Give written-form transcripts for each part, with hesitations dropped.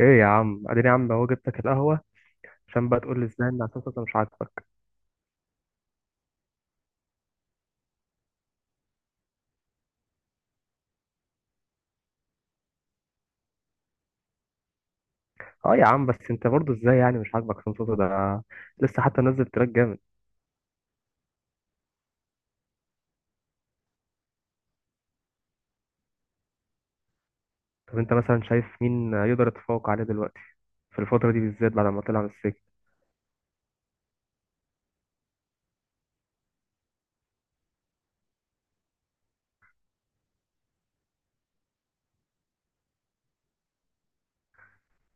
ايه يا عم، اديني يا عم، هو جبتك القهوه عشان بقى تقول لي ازاي ان عصام صوصه مش عاجبك؟ اه يا عم، بس انت برضو ازاي يعني مش عاجبك؟ عصام صوصه ده لسه حتى نزل تراك جامد. طب انت مثلا شايف مين يقدر يتفوق عليه دلوقتي في الفتره دي بالذات بعد ما طلع من السجن؟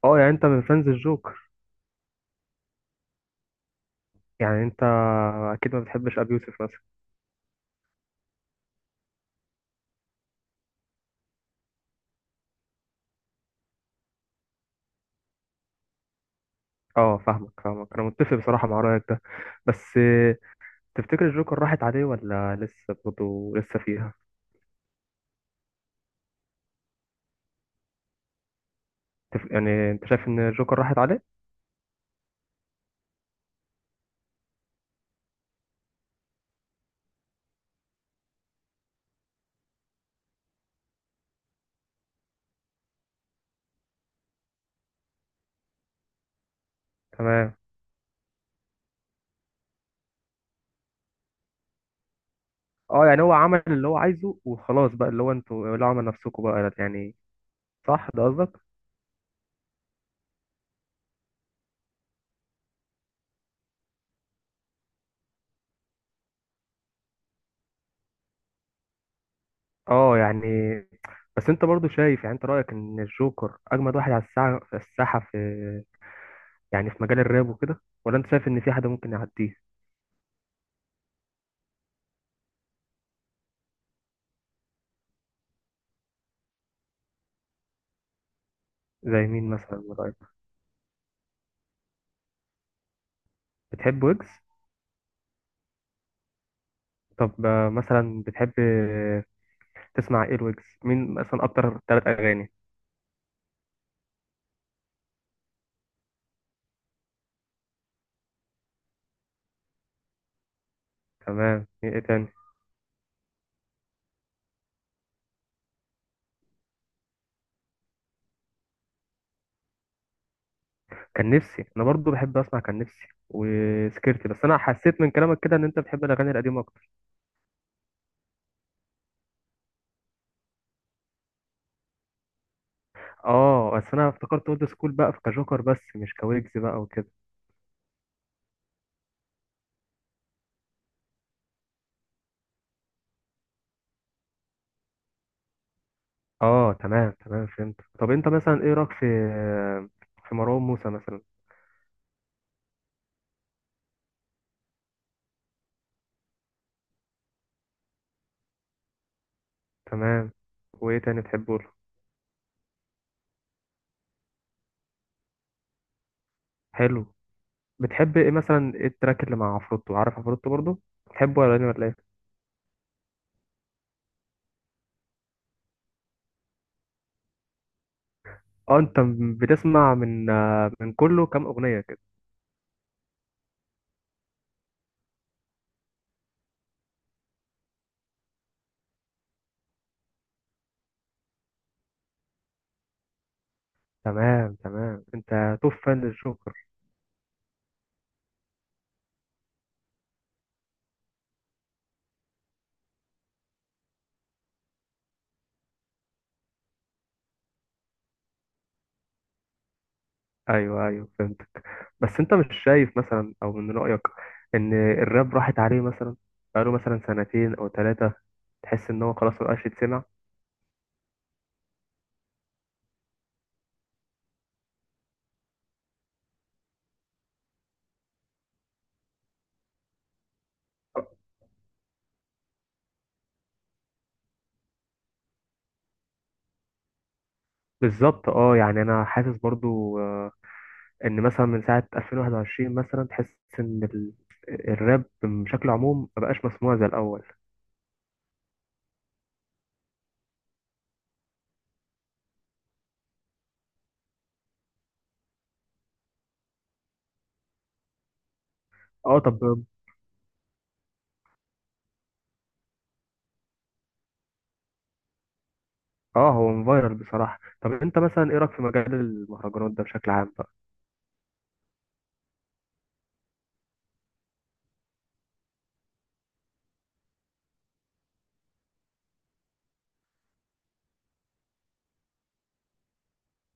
اه يعني انت من فانز الجوكر. يعني انت اكيد ما بتحبش ابي يوسف مثلا؟ اه فاهمك فاهمك، انا متفق بصراحه مع رايك ده. بس تفتكر الجوكر راحت عليه ولا لسه برضو لسه فيها؟ يعني انت شايف ان الجوكر راحت عليه؟ تمام. اه يعني هو عمل اللي هو عايزه وخلاص بقى، اللي هو انتوا لعوا من نفسكم بقى يعني. صح ده قصدك؟ اه يعني، بس انت برضو شايف يعني، انت رأيك ان الجوكر اجمد واحد على الساعة في الساحة، يعني في مجال الراب وكده، ولا انت شايف ان في حد ممكن يعديه؟ زي مين مثلا من رأيك؟ بتحب ويجز؟ طب، مثلا بتحب تسمع ايه الويجز؟ مين مثلا اكتر 3 اغاني؟ تمام. ايه تاني؟ كان نفسي. انا برضو بحب اسمع كان نفسي وسكرتي، بس انا حسيت من كلامك كده ان انت بتحب الاغاني القديمة. اه، بس انا افتكرت اولد سكول بقى في كجوكر بس مش كويجز بقى وكده. اه تمام تمام فهمت. طب انت مثلا ايه رايك في مروان موسى مثلا؟ تمام. وايه تاني بتحبه له؟ حلو. بتحب ايه مثلا؟ ايه التراك اللي مع عفروتو؟ عارف عفروتو برضو؟ بتحبه ولا إيه ولا ايه؟ اه، انت بتسمع من كله كام اغنيه كده؟ تمام تمام، انت توب فان للجوكر. ايوه ايوه فهمتك. بس انت مش شايف مثلا، او من رأيك، ان الراب راحت عليه مثلا بقاله مثلا 2 سنين او ثلاثة؟ تحس ان هو خلاص مبقاش يتسمع؟ بالظبط. اه يعني انا حاسس برضو، ان مثلا من ساعة 2021 مثلا تحس ان الراب بشكل عموم مبقاش مسموع زي الاول. اه طب، اه هو فايرال بصراحة. طب انت مثلا ايه رأيك في مجال المهرجانات ده بشكل عام بقى؟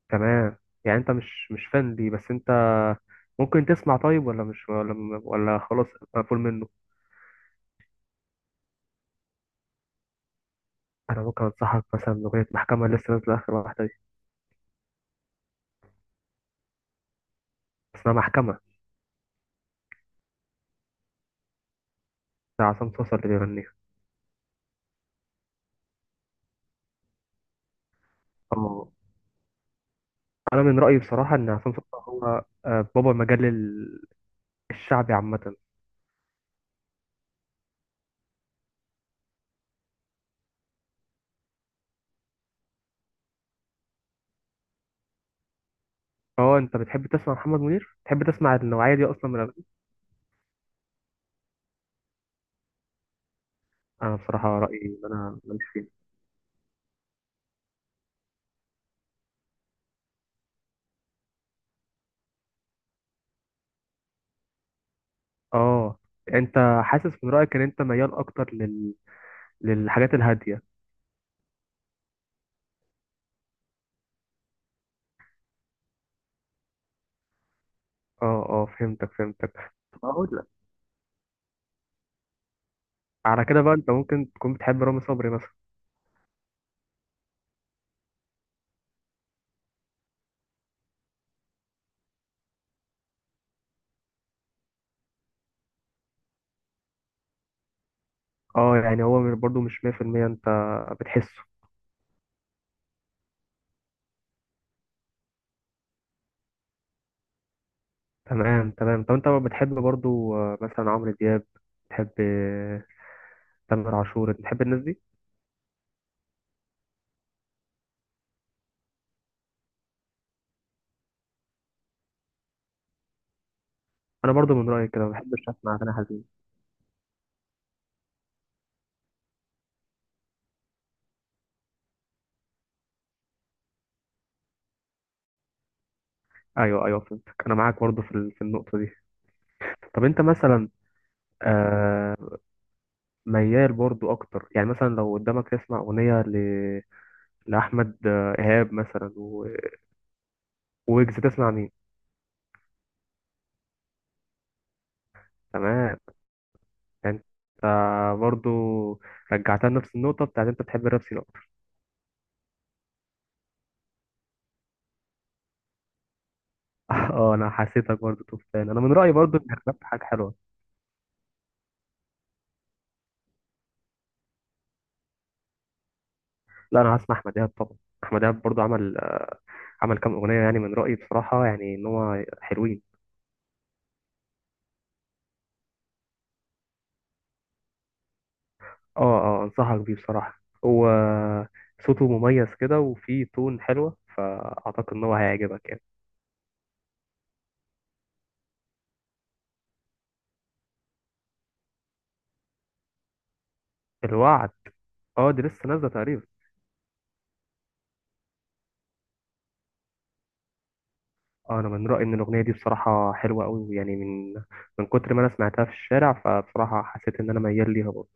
تمام. يعني انت مش فان دي، بس انت ممكن تسمع طيب، ولا مش، ولا ولا خلاص مقفول منه؟ انا ممكن انصحك مثلا باغنيه محكمه، اللي لسه نازله اخر واحده دي. اسمها محكمه. بتاع عصام صوصه اللي بيغنيها. اه، انا من رايي بصراحه ان عصام صوصه هو، بابا المجال الشعبي عامه. اه، انت بتحب تسمع محمد منير؟ بتحب تسمع النوعيه دي اصلا من الأغاني؟ انا بصراحه رايي ان انا ماليش فيه. اه، انت حاسس من رايك ان انت ميال اكتر للحاجات الهاديه. اه اه فهمتك فهمتك. طب اقول لك، على كده بقى انت ممكن تكون بتحب رامي صبري مثلا. اه يعني، هو برضو مش 100% انت بتحسه. تمام تمام. طب انت بتحب برضو، مثلا عمرو دياب؟ بتحب تامر عاشور؟ بتحب الناس دي؟ انا برضو من رايي كده، ما بحبش اسمع اغاني حزين. ايوه ايوه فهمتك. انا معاك برضو في النقطه دي. طب انت مثلا، آه، ميال برضو اكتر، يعني مثلا لو قدامك تسمع اغنيه لاحمد ايهاب مثلا، ويجز، تسمع مين؟ تمام. يعني انت برضو رجعتها لنفس النقطه بتاعت انت بتحب الراب سين. اه، انا حسيتك برضو تفان. انا من رايي برضو ان الراب حاجه حلوه. لا انا هسمع احمد دهب طبعا. احمد دهب برضو عمل، كام اغنيه يعني من رايي بصراحه، يعني ان هو حلوين. اه اه انصحك بيه بصراحه. هو صوته مميز كده وفيه تون حلوه، فاعتقد ان هو هيعجبك يعني. الوعد. اه دي لسه نازله تقريبا. اه، انا من رايي ان الاغنيه دي بصراحه حلوه قوي، يعني من كتر ما انا سمعتها في الشارع، فبصراحه حسيت ان انا ميال ليها برضو.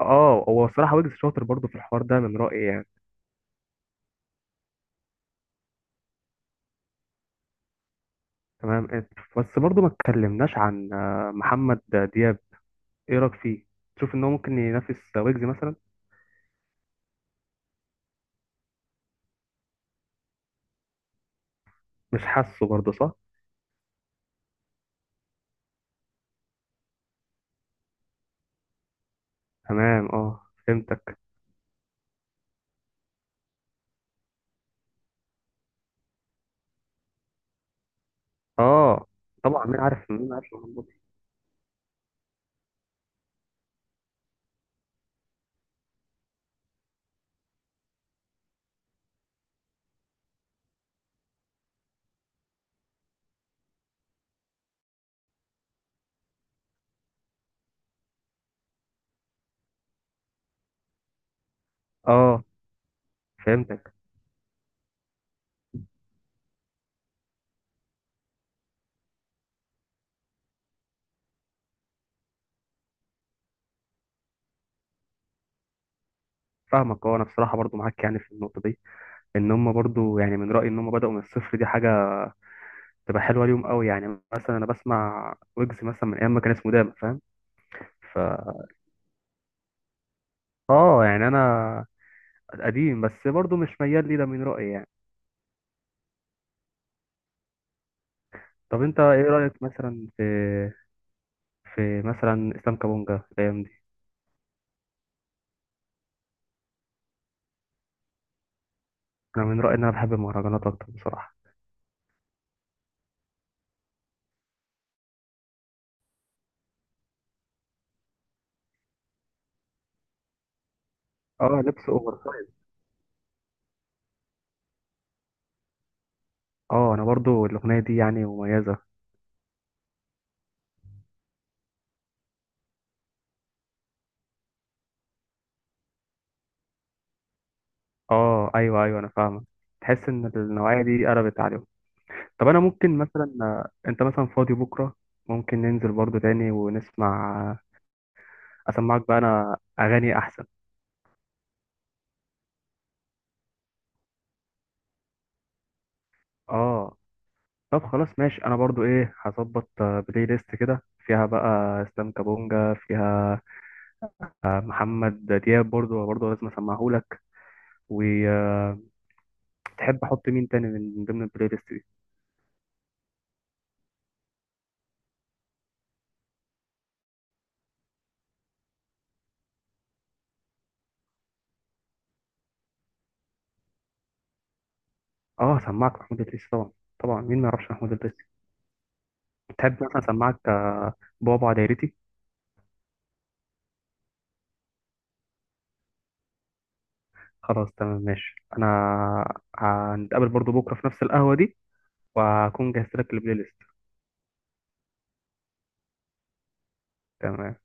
اه، هو بصراحه ويجز شاطر برضو في الحوار ده من رايي يعني. تمام. بس برضه ما اتكلمناش عن محمد دياب. ايه رايك فيه؟ تشوف ان هو ممكن ينافس ويجز مثلا؟ مش حاسه برضه، صح؟ تمام اه فهمتك. اه طبعا. مين عارف، مين عارف محمد دياب. اه فهمتك فاهمك. اه، انا بصراحه برضه معاك يعني في النقطه دي، ان هم برضه، يعني من رايي ان هم بداوا من الصفر. دي حاجه تبقى حلوه ليهم قوي، يعني مثلا انا بسمع ويجز مثلا من ايام ما كان اسمه داما، فاهم؟ ف اه يعني، انا قديم، بس برضه مش ميال لي ده من رايي يعني. طب انت ايه رأيك مثلا في مثلا اسلام كابونجا الايام دي؟ انا من رأيي ان انا بحب المهرجانات اكتر بصراحة. اه، لبس اوفر سايز. اه، انا برضو الاغنية دي يعني مميزة. اه ايوه ايوه انا فاهمك. تحس ان النوعية دي قلبت عليهم؟ طب انا ممكن مثلا، انت مثلا فاضي بكرة؟ ممكن ننزل برضو تاني ونسمع. اسمعك بقى انا اغاني احسن. اه طب خلاص ماشي. انا برضو ايه، هظبط بلاي ليست كده، فيها بقى اسلام كابونجا، فيها محمد دياب، برضو لازم اسمعه لك، وتحب احط مين تاني من ضمن البلاي ليست دي؟ اه سمعك محمود الدريسي طبعا. طبعا مين ما يعرفش محمود الدريسي. تحب مثلا اسمعك بابا دايرتي؟ خلاص تمام ماشي. انا هنتقابل برضو بكره في نفس القهوه دي، وهكون جهزت لك البلاي ليست. تمام.